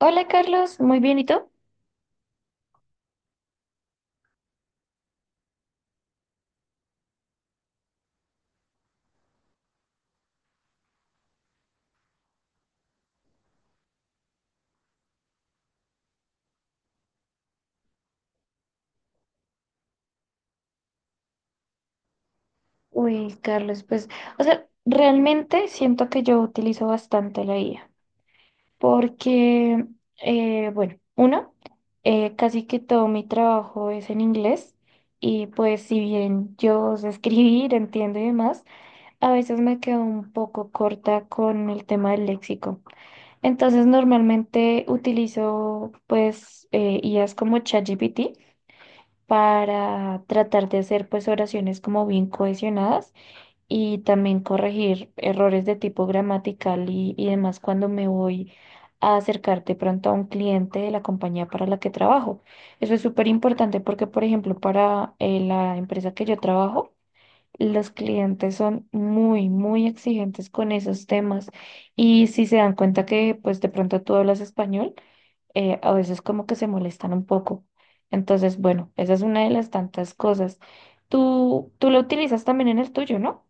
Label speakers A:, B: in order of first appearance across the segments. A: Hola Carlos, muy bien, ¿y tú? Uy, Carlos, realmente siento que yo utilizo bastante la IA, porque, bueno, uno, casi que todo mi trabajo es en inglés y pues si bien yo sé escribir, entiendo y demás, a veces me quedo un poco corta con el tema del léxico. Entonces, normalmente utilizo IAs como ChatGPT para tratar de hacer pues oraciones como bien cohesionadas y también corregir errores de tipo gramatical y demás cuando me voy a acercar de pronto a un cliente de la compañía para la que trabajo. Eso es súper importante porque, por ejemplo, para la empresa que yo trabajo, los clientes son muy, muy exigentes con esos temas y si se dan cuenta que pues de pronto tú hablas español, a veces como que se molestan un poco. Entonces, bueno, esa es una de las tantas cosas. Tú lo utilizas también en el tuyo, ¿no?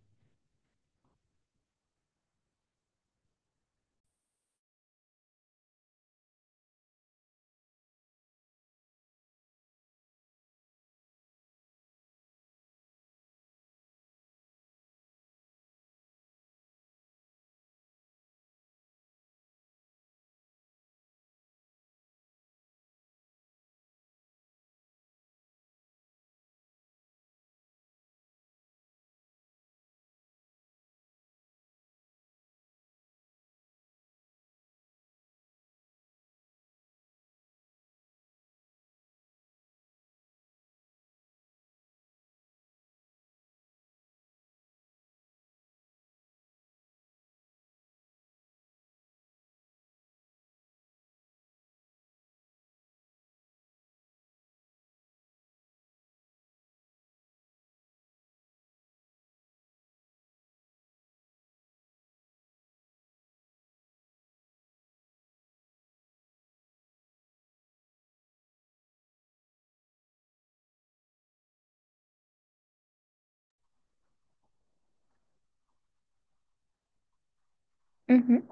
A: Ujú.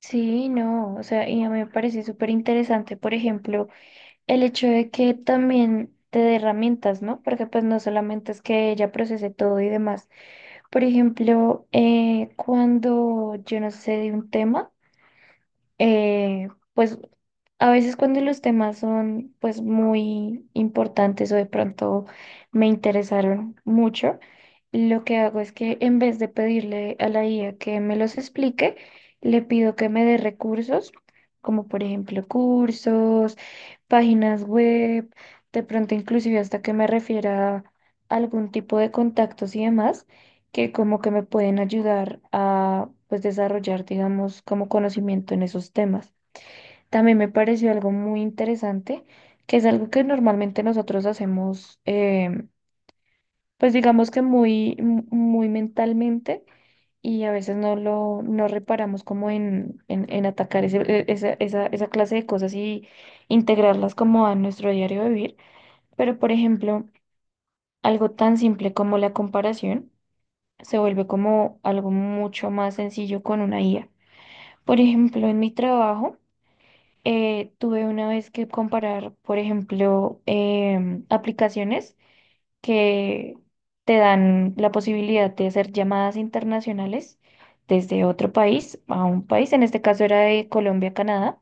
A: Sí, no, o sea, y a mí me parece súper interesante, por ejemplo, el hecho de que también te dé herramientas, ¿no? Porque pues no solamente es que ella procese todo y demás. Por ejemplo, cuando yo no sé de un tema, eh, pues a veces cuando los temas son pues muy importantes o de pronto me interesaron mucho, lo que hago es que en vez de pedirle a la IA que me los explique, le pido que me dé recursos, como por ejemplo cursos, páginas web, de pronto inclusive hasta que me refiera a algún tipo de contactos y demás que como que me pueden ayudar a pues desarrollar, digamos, como conocimiento en esos temas. También me pareció algo muy interesante, que es algo que normalmente nosotros hacemos, pues digamos que muy mentalmente y a veces no lo no reparamos como en atacar esa clase de cosas y integrarlas como a nuestro diario vivir. Pero, por ejemplo, algo tan simple como la comparación se vuelve como algo mucho más sencillo con una IA. Por ejemplo, en mi trabajo tuve una vez que comparar, por ejemplo, aplicaciones que te dan la posibilidad de hacer llamadas internacionales desde otro país a un país, en este caso era de Colombia a Canadá,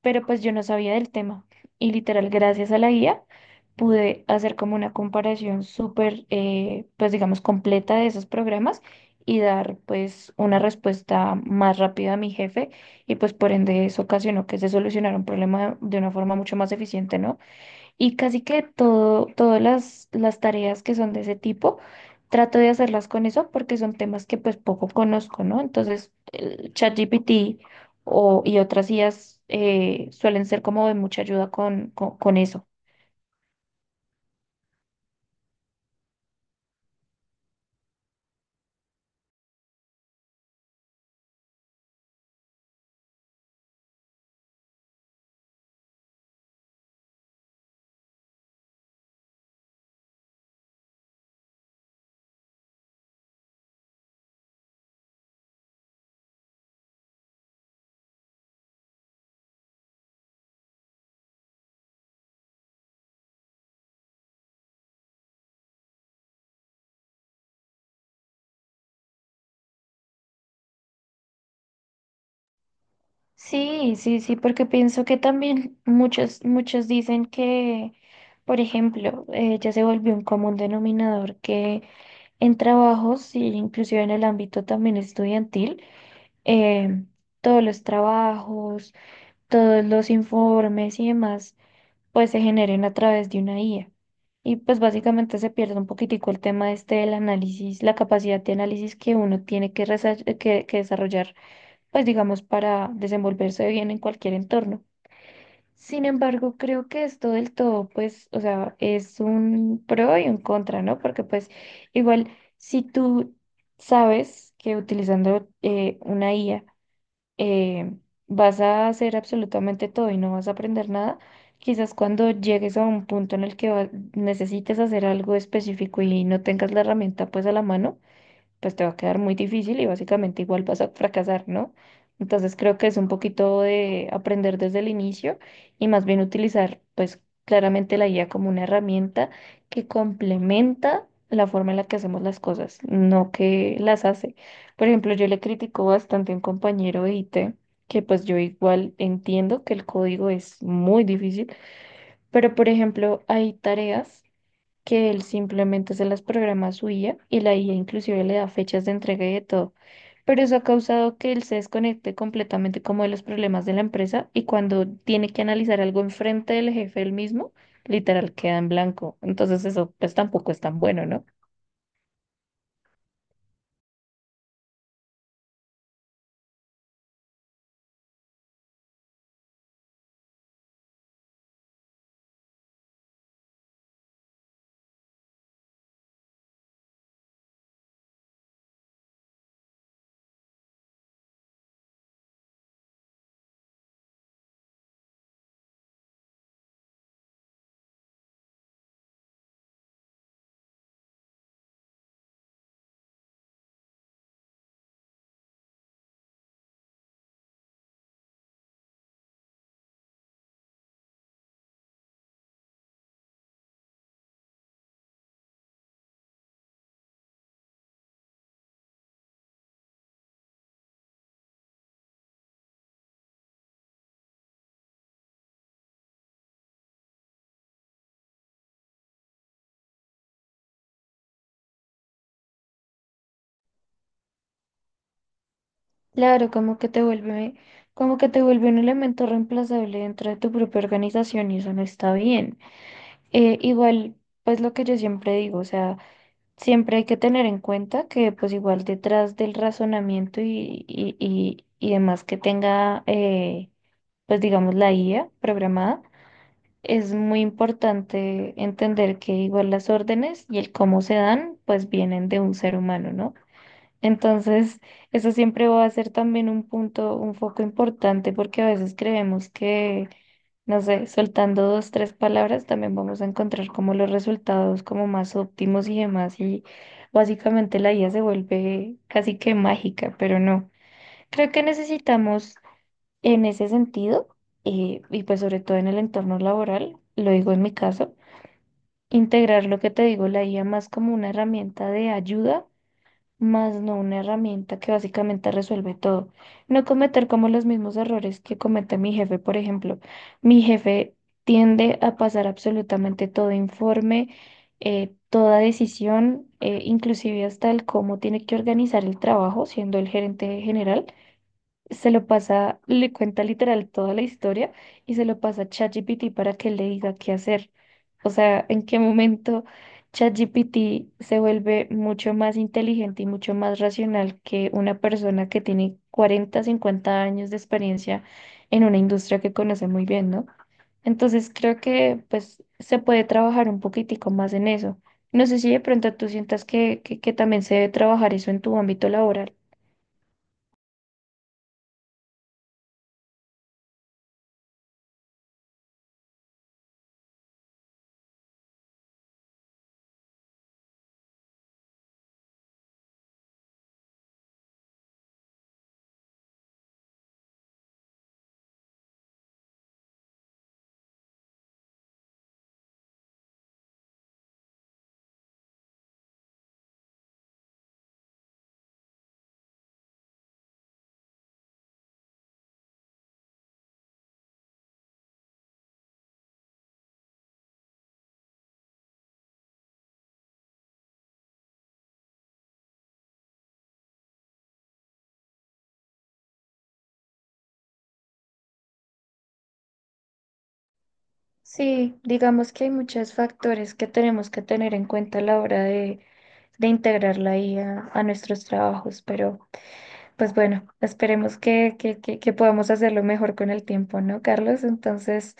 A: pero pues yo no sabía del tema. Y literal, gracias a la guía, pude hacer como una comparación súper, pues digamos, completa de esos programas y dar pues una respuesta más rápida a mi jefe y pues por ende eso ocasionó que se solucionara un problema de una forma mucho más eficiente, ¿no? Y casi que todo, todas las tareas que son de ese tipo, trato de hacerlas con eso porque son temas que pues poco conozco, ¿no? Entonces, el ChatGPT y otras IAs suelen ser como de mucha ayuda con eso. Sí, sí, sí, porque pienso que también muchos dicen que, por ejemplo, ya se volvió un común denominador que en trabajos, y inclusive en el ámbito también estudiantil, em, todos los trabajos, todos los informes y demás, pues se generen a través de una IA. Y pues básicamente se pierde un poquitico el tema este del análisis, la capacidad de análisis que uno tiene que desarrollar, pues digamos, para desenvolverse bien en cualquier entorno. Sin embargo, creo que esto del todo, pues, o sea, es un pro y un contra, ¿no? Porque pues igual, si tú sabes que utilizando una IA, eh, vas a hacer absolutamente todo y no vas a aprender nada. Quizás cuando llegues a un punto en el que necesites hacer algo específico y no tengas la herramienta pues a la mano, pues te va a quedar muy difícil y básicamente igual vas a fracasar, ¿no? Entonces creo que es un poquito de aprender desde el inicio y más bien utilizar pues claramente la guía como una herramienta que complementa la forma en la que hacemos las cosas, no que las hace. Por ejemplo, yo le critico bastante a un compañero de IT, que pues yo igual entiendo que el código es muy difícil, pero por ejemplo hay tareas que él simplemente se las programa a su IA y la IA inclusive le da fechas de entrega y de todo. Pero eso ha causado que él se desconecte completamente como de los problemas de la empresa y cuando tiene que analizar algo enfrente del jefe él mismo, literal queda en blanco. Entonces eso pues tampoco es tan bueno, ¿no? Claro, como que te vuelve un elemento reemplazable dentro de tu propia organización y eso no está bien. Igual, pues lo que yo siempre digo, o sea, siempre hay que tener en cuenta que pues igual detrás del razonamiento y demás que tenga pues digamos la IA programada, es muy importante entender que igual las órdenes y el cómo se dan pues vienen de un ser humano, ¿no? Entonces, eso siempre va a ser también un punto, un foco importante porque a veces creemos que no sé, soltando dos, tres palabras, también vamos a encontrar como los resultados como más óptimos y demás. Y básicamente la IA se vuelve casi que mágica, pero no. Creo que necesitamos en ese sentido, y pues sobre todo en el entorno laboral, lo digo en mi caso, integrar lo que te digo, la IA más como una herramienta de ayuda más no una herramienta que básicamente resuelve todo. No cometer como los mismos errores que comete mi jefe, por ejemplo. Mi jefe tiende a pasar absolutamente todo informe, toda decisión, inclusive hasta el cómo tiene que organizar el trabajo, siendo el gerente general se lo pasa, le cuenta literal toda la historia y se lo pasa a ChatGPT para que le diga qué hacer. O sea, en qué momento ChatGPT se vuelve mucho más inteligente y mucho más racional que una persona que tiene 40-50 años de experiencia en una industria que conoce muy bien, ¿no? Entonces creo que pues se puede trabajar un poquitico más en eso. No sé si de pronto tú sientas que también se debe trabajar eso en tu ámbito laboral. Sí, digamos que hay muchos factores que tenemos que tener en cuenta a la hora de integrar la I a nuestros trabajos, pero pues bueno, esperemos que podamos hacerlo mejor con el tiempo, ¿no, Carlos? Entonces,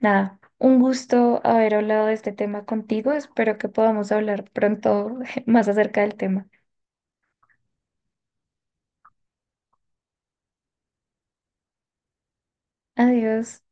A: nada, un gusto haber hablado de este tema contigo, espero que podamos hablar pronto más acerca del tema. Adiós.